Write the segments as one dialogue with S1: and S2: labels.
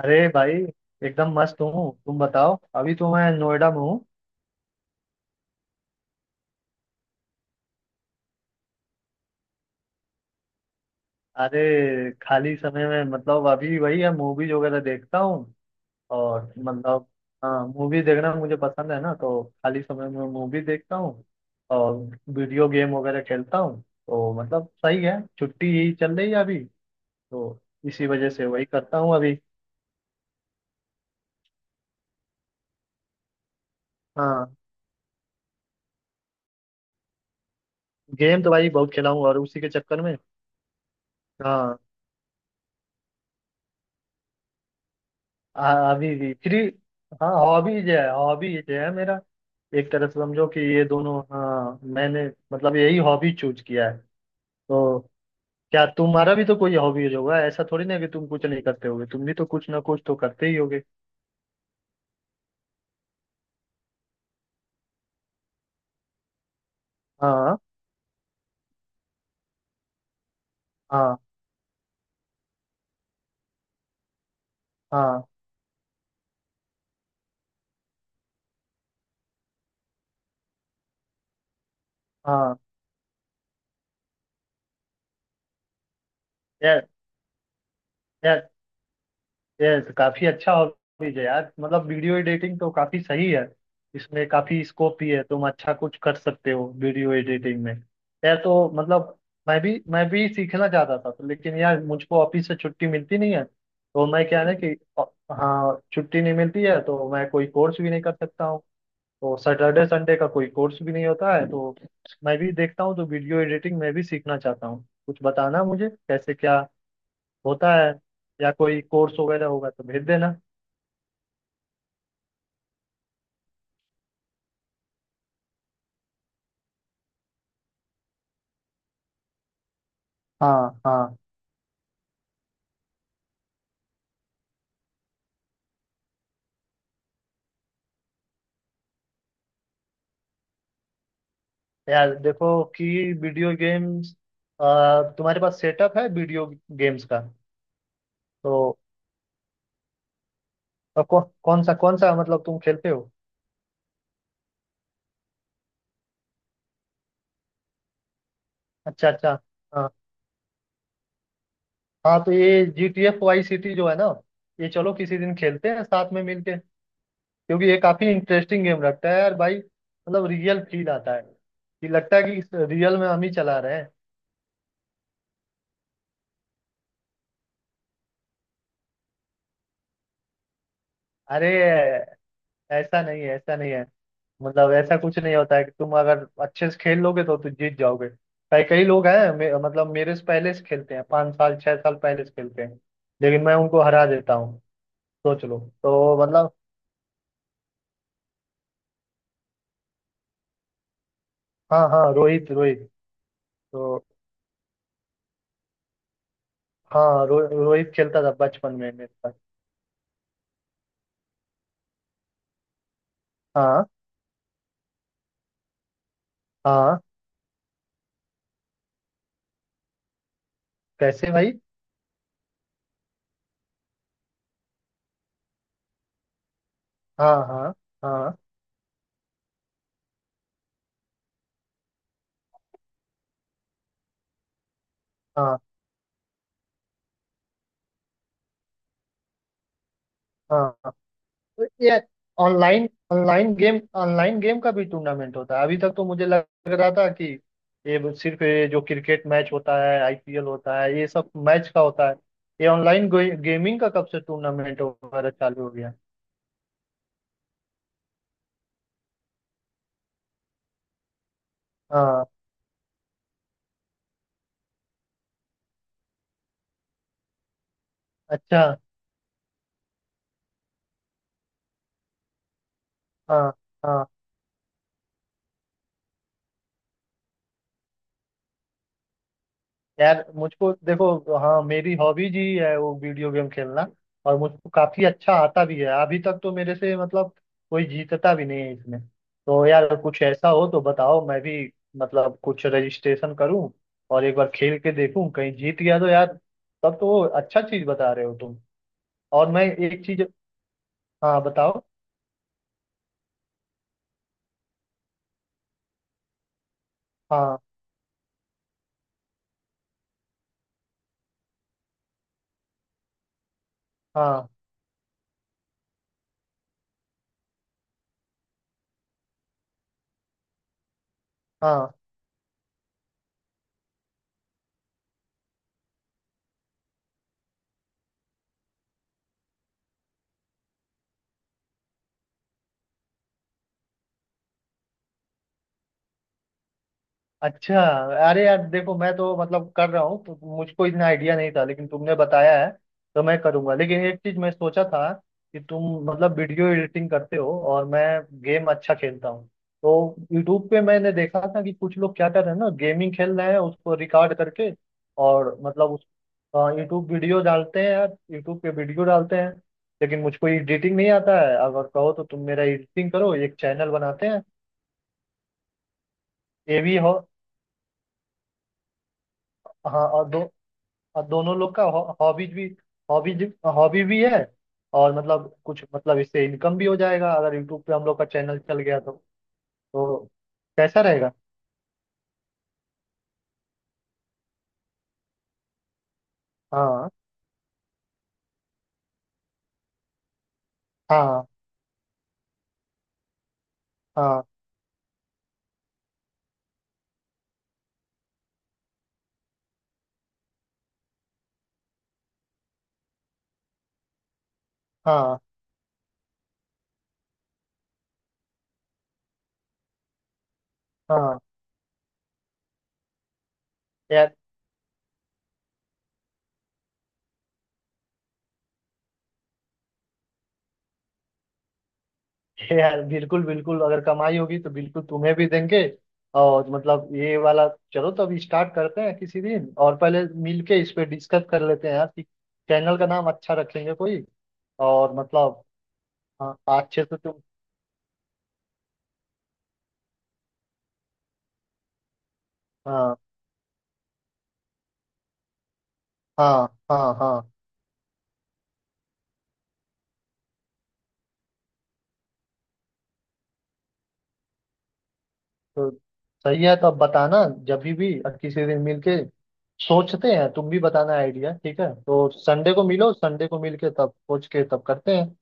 S1: अरे भाई। एकदम मस्त हूँ, तुम बताओ। अभी तो मैं नोएडा में हूँ। अरे, खाली समय में मतलब अभी वही है, मूवीज वगैरह देखता हूँ। और मतलब। हाँ, मूवी देखना मुझे पसंद है ना, तो खाली समय में मूवी देखता हूँ। और। वीडियो गेम वगैरह खेलता हूँ, तो मतलब सही है, छुट्टी यही चल रही है अभी। तो। इसी वजह से वही करता हूँ अभी। हाँ, गेम तो भाई बहुत खेला हूँ, और उसी के चक्कर में। हाँ, हाँ, अभी भी फ्री। हाँ, हॉबीज है, हॉबीज है मेरा। एक तरह से समझो कि ये दोनों, हाँ, मैंने मतलब यही हॉबी चूज किया है। तो। क्या तुम्हारा भी तो कोई हॉबीज होगा? ऐसा थोड़ी ना है कि तुम कुछ नहीं करते होगे, तुम भी तो कुछ ना कुछ तो करते ही होगे। हाँ, हाँ, हाँ, हाँ यार। यस, काफी अच्छा हॉबीज है यार, मतलब वीडियो एडिटिंग तो काफी सही है। इसमें काफी स्कोप भी है, तुम अच्छा कुछ कर सकते हो वीडियो एडिटिंग में। यार, तो मतलब मैं भी सीखना चाहता था तो, लेकिन यार मुझको ऑफिस से छुट्टी मिलती नहीं है, तो मैं क्या है ना कि हाँ, छुट्टी नहीं मिलती है, तो मैं कोई कोर्स भी नहीं कर सकता हूँ। तो सैटरडे संडे का कोई कोर्स भी नहीं होता है, तो मैं भी देखता हूँ, तो वीडियो एडिटिंग मैं भी सीखना चाहता हूँ। कुछ बताना मुझे कैसे क्या होता है, या कोई कोर्स वगैरह होगा तो भेज देना। हाँ, हाँ, यार देखो कि वीडियो गेम्स, तुम्हारे पास सेटअप है वीडियो गेम्स का? तो कौन सा मतलब तुम खेलते हो? अच्छा, अच्छा। हाँ, हाँ, तो ये GTFY सिटी जो है ना, ये चलो किसी दिन खेलते हैं साथ में मिलके। क्योंकि ये काफी इंटरेस्टिंग गेम लगता है यार भाई, मतलब रियल फील आता है कि लगता है कि रियल में हम ही चला रहे हैं। अरे, ऐसा नहीं है, ऐसा नहीं है। मतलब ऐसा कुछ नहीं होता है कि तुम अगर अच्छे से खेल लोगे तो तुम जीत जाओगे। कई कई लोग हैं, मतलब मेरे से पहले से खेलते हैं, 5 साल 6 साल पहले से खेलते हैं, लेकिन मैं उनको हरा देता हूँ, सोच लो। तो मतलब। हाँ, हाँ, रोहित, रोहित। तो हाँ, रोहित खेलता था बचपन में मेरे साथ। हाँ, हाँ। कैसे भाई? हाँ, हाँ, हाँ, हाँ, हाँ यार, ऑनलाइन ऑनलाइन गेम का भी टूर्नामेंट होता है? अभी तक तो मुझे लग रहा था कि ये बस सिर्फ, ये जो क्रिकेट मैच होता है, आईपीएल होता है, ये सब मैच का होता है। ये ऑनलाइन गेमिंग का कब से टूर्नामेंट वगैरह चालू हो गया? हाँ, अच्छा। हाँ, हाँ, यार मुझको देखो, हाँ, मेरी हॉबीज ही है वो वीडियो गेम खेलना। और मुझको काफी अच्छा आता भी है, अभी तक तो मेरे से मतलब कोई जीतता भी नहीं है इसमें। तो यार कुछ ऐसा हो तो बताओ, मैं भी मतलब कुछ रजिस्ट्रेशन करूं, और एक बार खेल के देखूं, कहीं जीत गया तो यार, तब तो अच्छा चीज बता रहे हो तुम। और मैं एक चीज। हाँ, बताओ। हाँ, हाँ, हाँ, अच्छा। अरे यार देखो, मैं तो मतलब कर रहा हूँ, तो मुझको इतना आइडिया नहीं था, लेकिन तुमने बताया है, तो मैं करूंगा। लेकिन एक चीज मैं सोचा था कि तुम मतलब वीडियो एडिटिंग करते हो और मैं गेम अच्छा खेलता हूँ, तो यूट्यूब पे मैंने देखा था कि कुछ लोग क्या कर रहे हैं ना, गेमिंग खेल रहे हैं उसको रिकॉर्ड करके, और मतलब उस यूट्यूब वीडियो डालते हैं यार, यूट्यूब पे वीडियो डालते हैं। लेकिन मुझको एडिटिंग नहीं आता है, अगर कहो तो तुम मेरा एडिटिंग करो, एक चैनल बनाते हैं। ये भी हो। हाँ, और दोनों लोग का हॉबीज भी हॉबीज हॉबी भी है। और मतलब कुछ, मतलब इससे इनकम भी हो जाएगा अगर यूट्यूब पे हम लोग का चैनल चल गया तो कैसा रहेगा? हाँ, हाँ, हाँ, हाँ, हाँ यार, यार बिल्कुल, बिल्कुल, अगर कमाई होगी तो बिल्कुल तुम्हें भी देंगे। और मतलब ये वाला, चलो तो अभी स्टार्ट करते हैं किसी दिन, और पहले मिल के इस पे डिस्कस कर लेते हैं यार कि चैनल का नाम अच्छा रखेंगे कोई, और मतलब। हाँ, अच्छे से तुम। हाँ, हाँ, हाँ, हाँ, तो सही है, तो अब बताना जब भी और किसी दिन मिलके सोचते हैं, तुम भी बताना आइडिया। ठीक है, तो संडे को मिलो, संडे को मिलके तब सोच के तब करते हैं।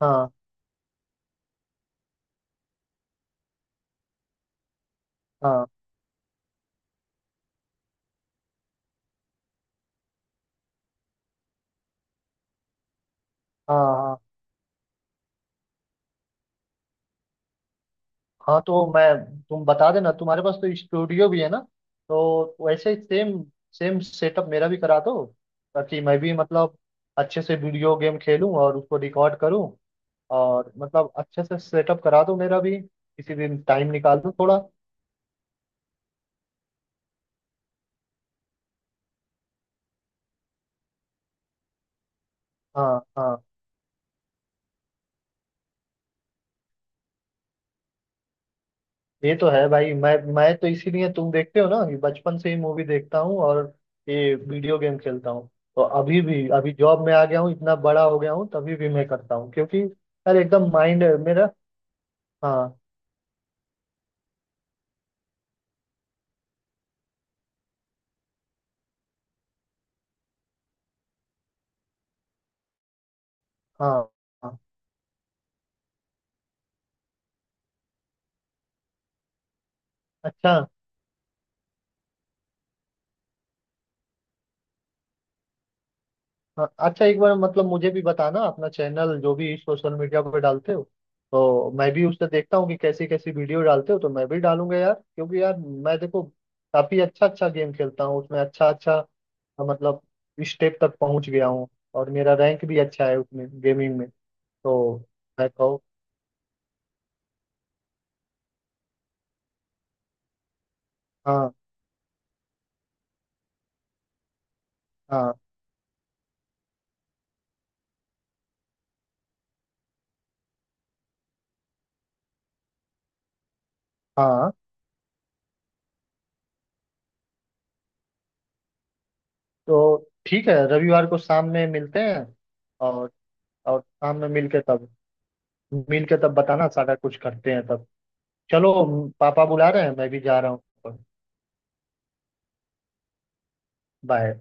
S1: हाँ, हाँ, हाँ, हाँ, हाँ, तो मैं, तुम बता देना, तुम्हारे पास तो स्टूडियो भी है ना, तो वैसे ही सेम सेम सेटअप मेरा भी करा दो, ताकि मैं भी मतलब अच्छे से वीडियो गेम खेलूं और उसको रिकॉर्ड करूं। और मतलब अच्छे से सेटअप करा दो मेरा भी, किसी दिन टाइम निकाल दो थोड़ा। हाँ, हाँ, ये तो है भाई, मैं तो इसीलिए तुम देखते हो ना कि बचपन से ही मूवी देखता हूँ और ये वीडियो गेम खेलता हूँ। तो अभी भी, अभी जॉब में आ गया हूँ, इतना बड़ा हो गया हूँ, तभी भी मैं करता हूँ, क्योंकि यार एकदम माइंड मेरा। हाँ, हाँ, हाँ, अच्छा। हाँ, अच्छा, एक बार मतलब मुझे भी बताना अपना चैनल जो भी सोशल मीडिया पर डालते हो, तो मैं भी उससे देखता हूँ कि कैसी कैसी वीडियो डालते हो, तो मैं भी डालूंगा यार। क्योंकि यार मैं देखो काफी अच्छा अच्छा गेम खेलता हूँ उसमें, अच्छा अच्छा मतलब स्टेप तक पहुंच गया हूँ, और मेरा रैंक भी अच्छा है उसमें गेमिंग में। तो मैं कहूँ। हाँ, हाँ, हाँ, तो ठीक है, रविवार को शाम में मिलते हैं। और और शाम में मिल के तब, मिल के तब बताना, सारा कुछ करते हैं तब। चलो, पापा बुला रहे हैं, मैं भी जा रहा हूँ। बाय।